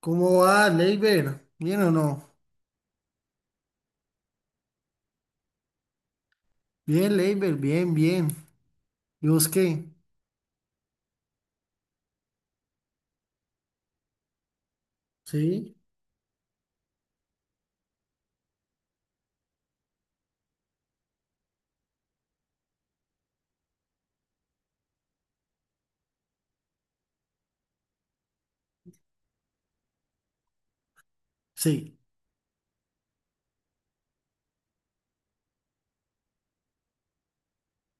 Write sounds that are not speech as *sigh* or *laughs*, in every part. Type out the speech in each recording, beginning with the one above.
¿Cómo va, Leiber? ¿Bien o no? Bien, Leiber, bien, bien. ¿Y vos qué? ¿Sí? Sí.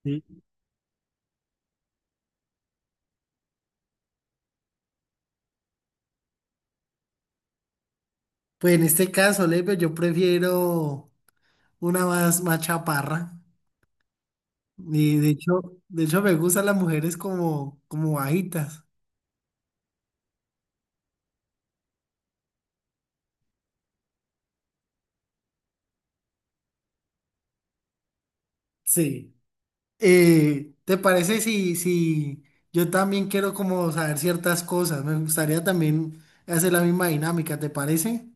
Sí. Pues en este caso, Leiber, yo prefiero una más, más chaparra. Y de hecho me gustan las mujeres como, como bajitas. Sí. ¿Te parece si, si yo también quiero como saber ciertas cosas? Me gustaría también hacer la misma dinámica, ¿te parece?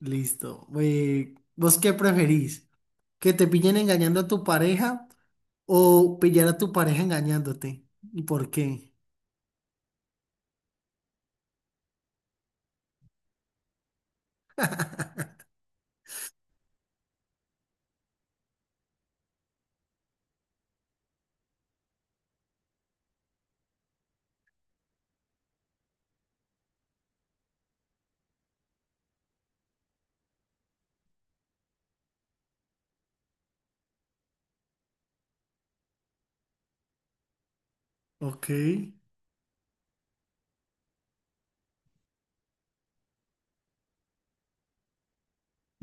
Listo. ¿Vos qué preferís? Que te pillen engañando a tu pareja o pillar a tu pareja engañándote. ¿Y por qué? Ok,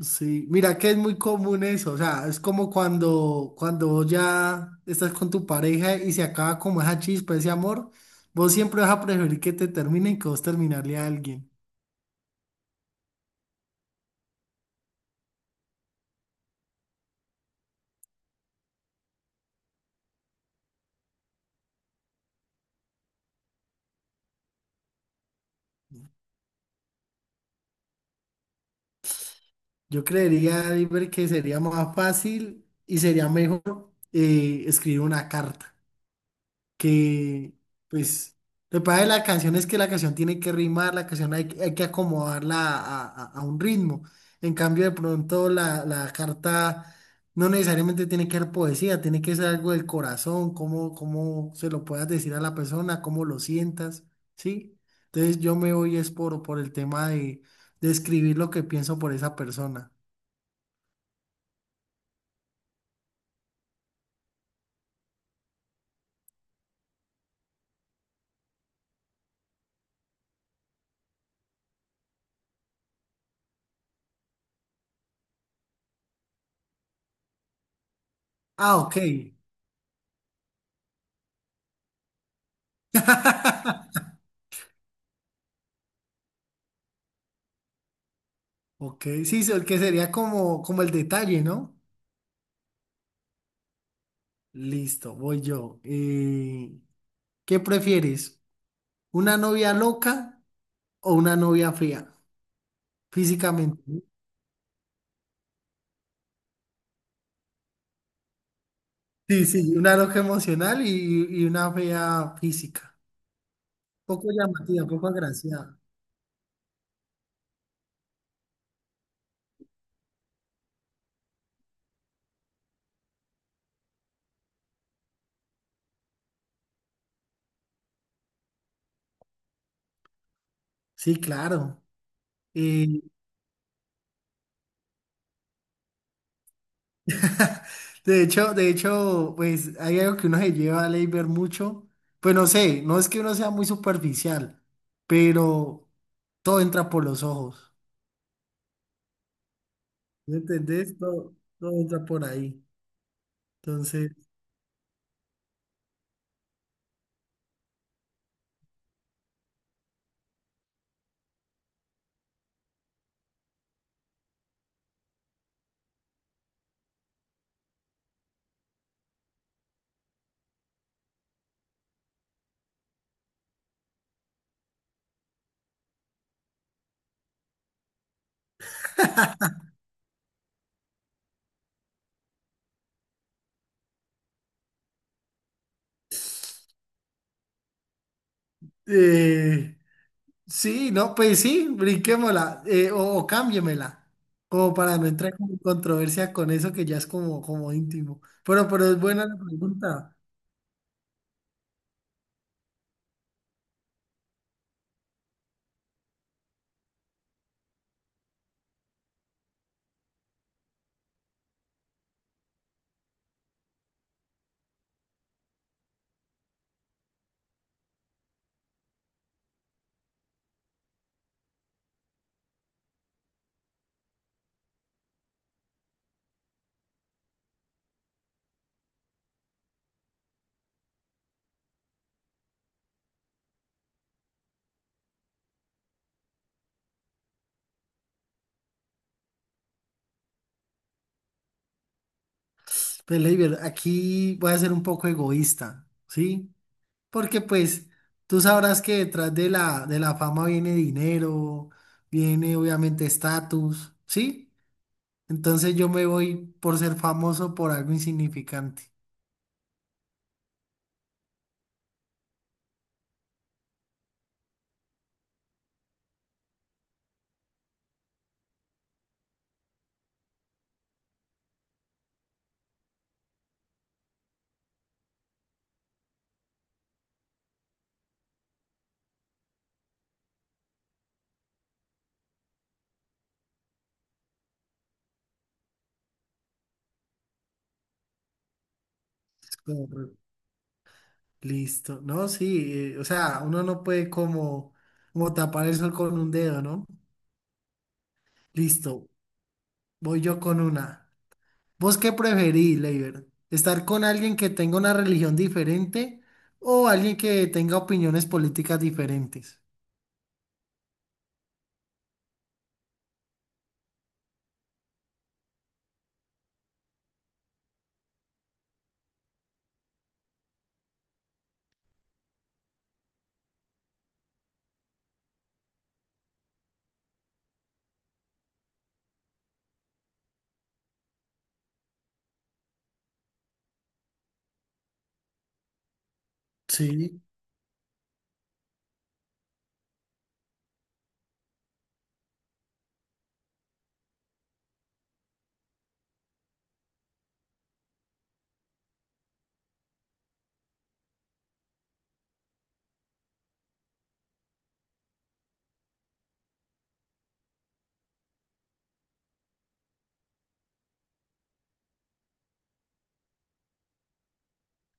sí. Mira que es muy común eso. O sea, es como cuando, cuando vos ya estás con tu pareja y se acaba como esa chispa, ese amor, vos siempre vas a preferir que te terminen que vos terminarle a alguien. Yo creería, Iber, que sería más fácil y sería mejor escribir una carta. Que pues lo que pasa de la canción es que la canción tiene que rimar, la canción hay que acomodarla a, a un ritmo. En cambio, de pronto la, la carta no necesariamente tiene que ser poesía, tiene que ser algo del corazón, cómo, cómo se lo puedas decir a la persona, cómo lo sientas, ¿sí? Entonces yo me voy es por el tema de escribir lo que pienso por esa persona. Ah, ok. *laughs* Ok, sí, el que sería como, como el detalle, ¿no? Listo, voy yo. ¿Qué prefieres? ¿Una novia loca o una novia fea físicamente? ¿No? Sí, sí, una loca emocional y una fea física. Poco llamativa, poco agraciada. Sí, claro. Eh, *laughs* de hecho, pues hay algo que uno se lleva a ley ver mucho. Pues no sé, no es que uno sea muy superficial, pero todo entra por los ojos. ¿Me entendés? Todo, todo entra por ahí. Entonces… Eh, sí, no, pues sí, brinquémosla o cámbiemela, como para no entrar en controversia con eso que ya es como, como íntimo. Pero es buena la pregunta. Pues, Leiber, aquí voy a ser un poco egoísta, ¿sí? Porque pues tú sabrás que detrás de la fama viene dinero, viene obviamente estatus, ¿sí? Entonces yo me voy por ser famoso por algo insignificante. Listo. No, sí, o sea, uno no puede como, como tapar el sol con un dedo, ¿no? Listo, voy yo con una. ¿Vos qué preferís, Leiber? ¿Estar con alguien que tenga una religión diferente o alguien que tenga opiniones políticas diferentes? Sí,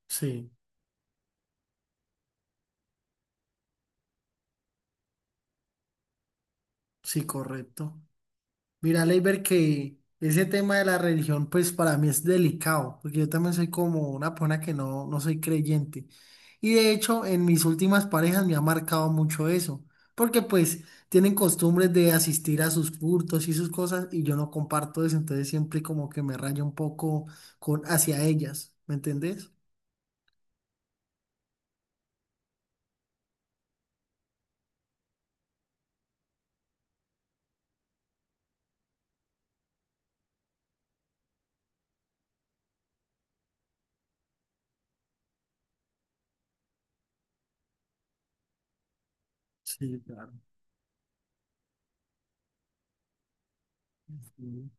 sí, sí, correcto. Mira, Leiber, que ese tema de la religión, pues para mí es delicado, porque yo también soy como una persona que no, no soy creyente. Y de hecho, en mis últimas parejas me ha marcado mucho eso, porque pues tienen costumbres de asistir a sus cultos y sus cosas, y yo no comparto eso, entonces siempre como que me rayo un poco con, hacia ellas, ¿me entendés? Sí, claro. Sí.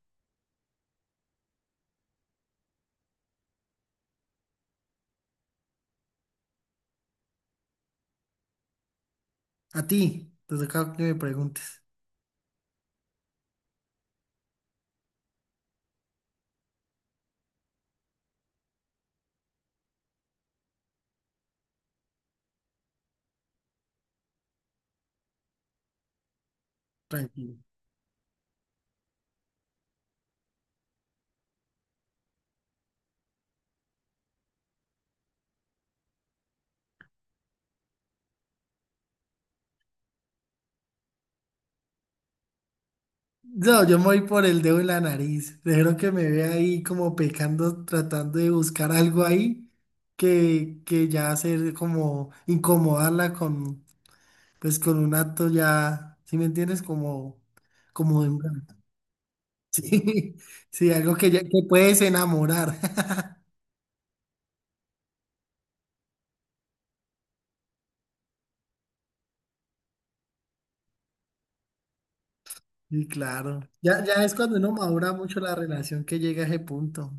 A ti, te toca que me preguntes. Tranquilo. No, yo me voy por el dedo en la nariz. Dejaron que me vea ahí como pecando, tratando de buscar algo ahí que ya hacer como incomodarla con, pues con un acto ya, ¿sí me entiendes? Como, como de un- *laughs* Sí, sí, algo que ya que puedes enamorar. *laughs* Sí, claro. Ya, ya es cuando uno madura mucho la relación que llega a ese punto.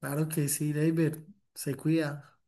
Claro que sí, David, se cuida.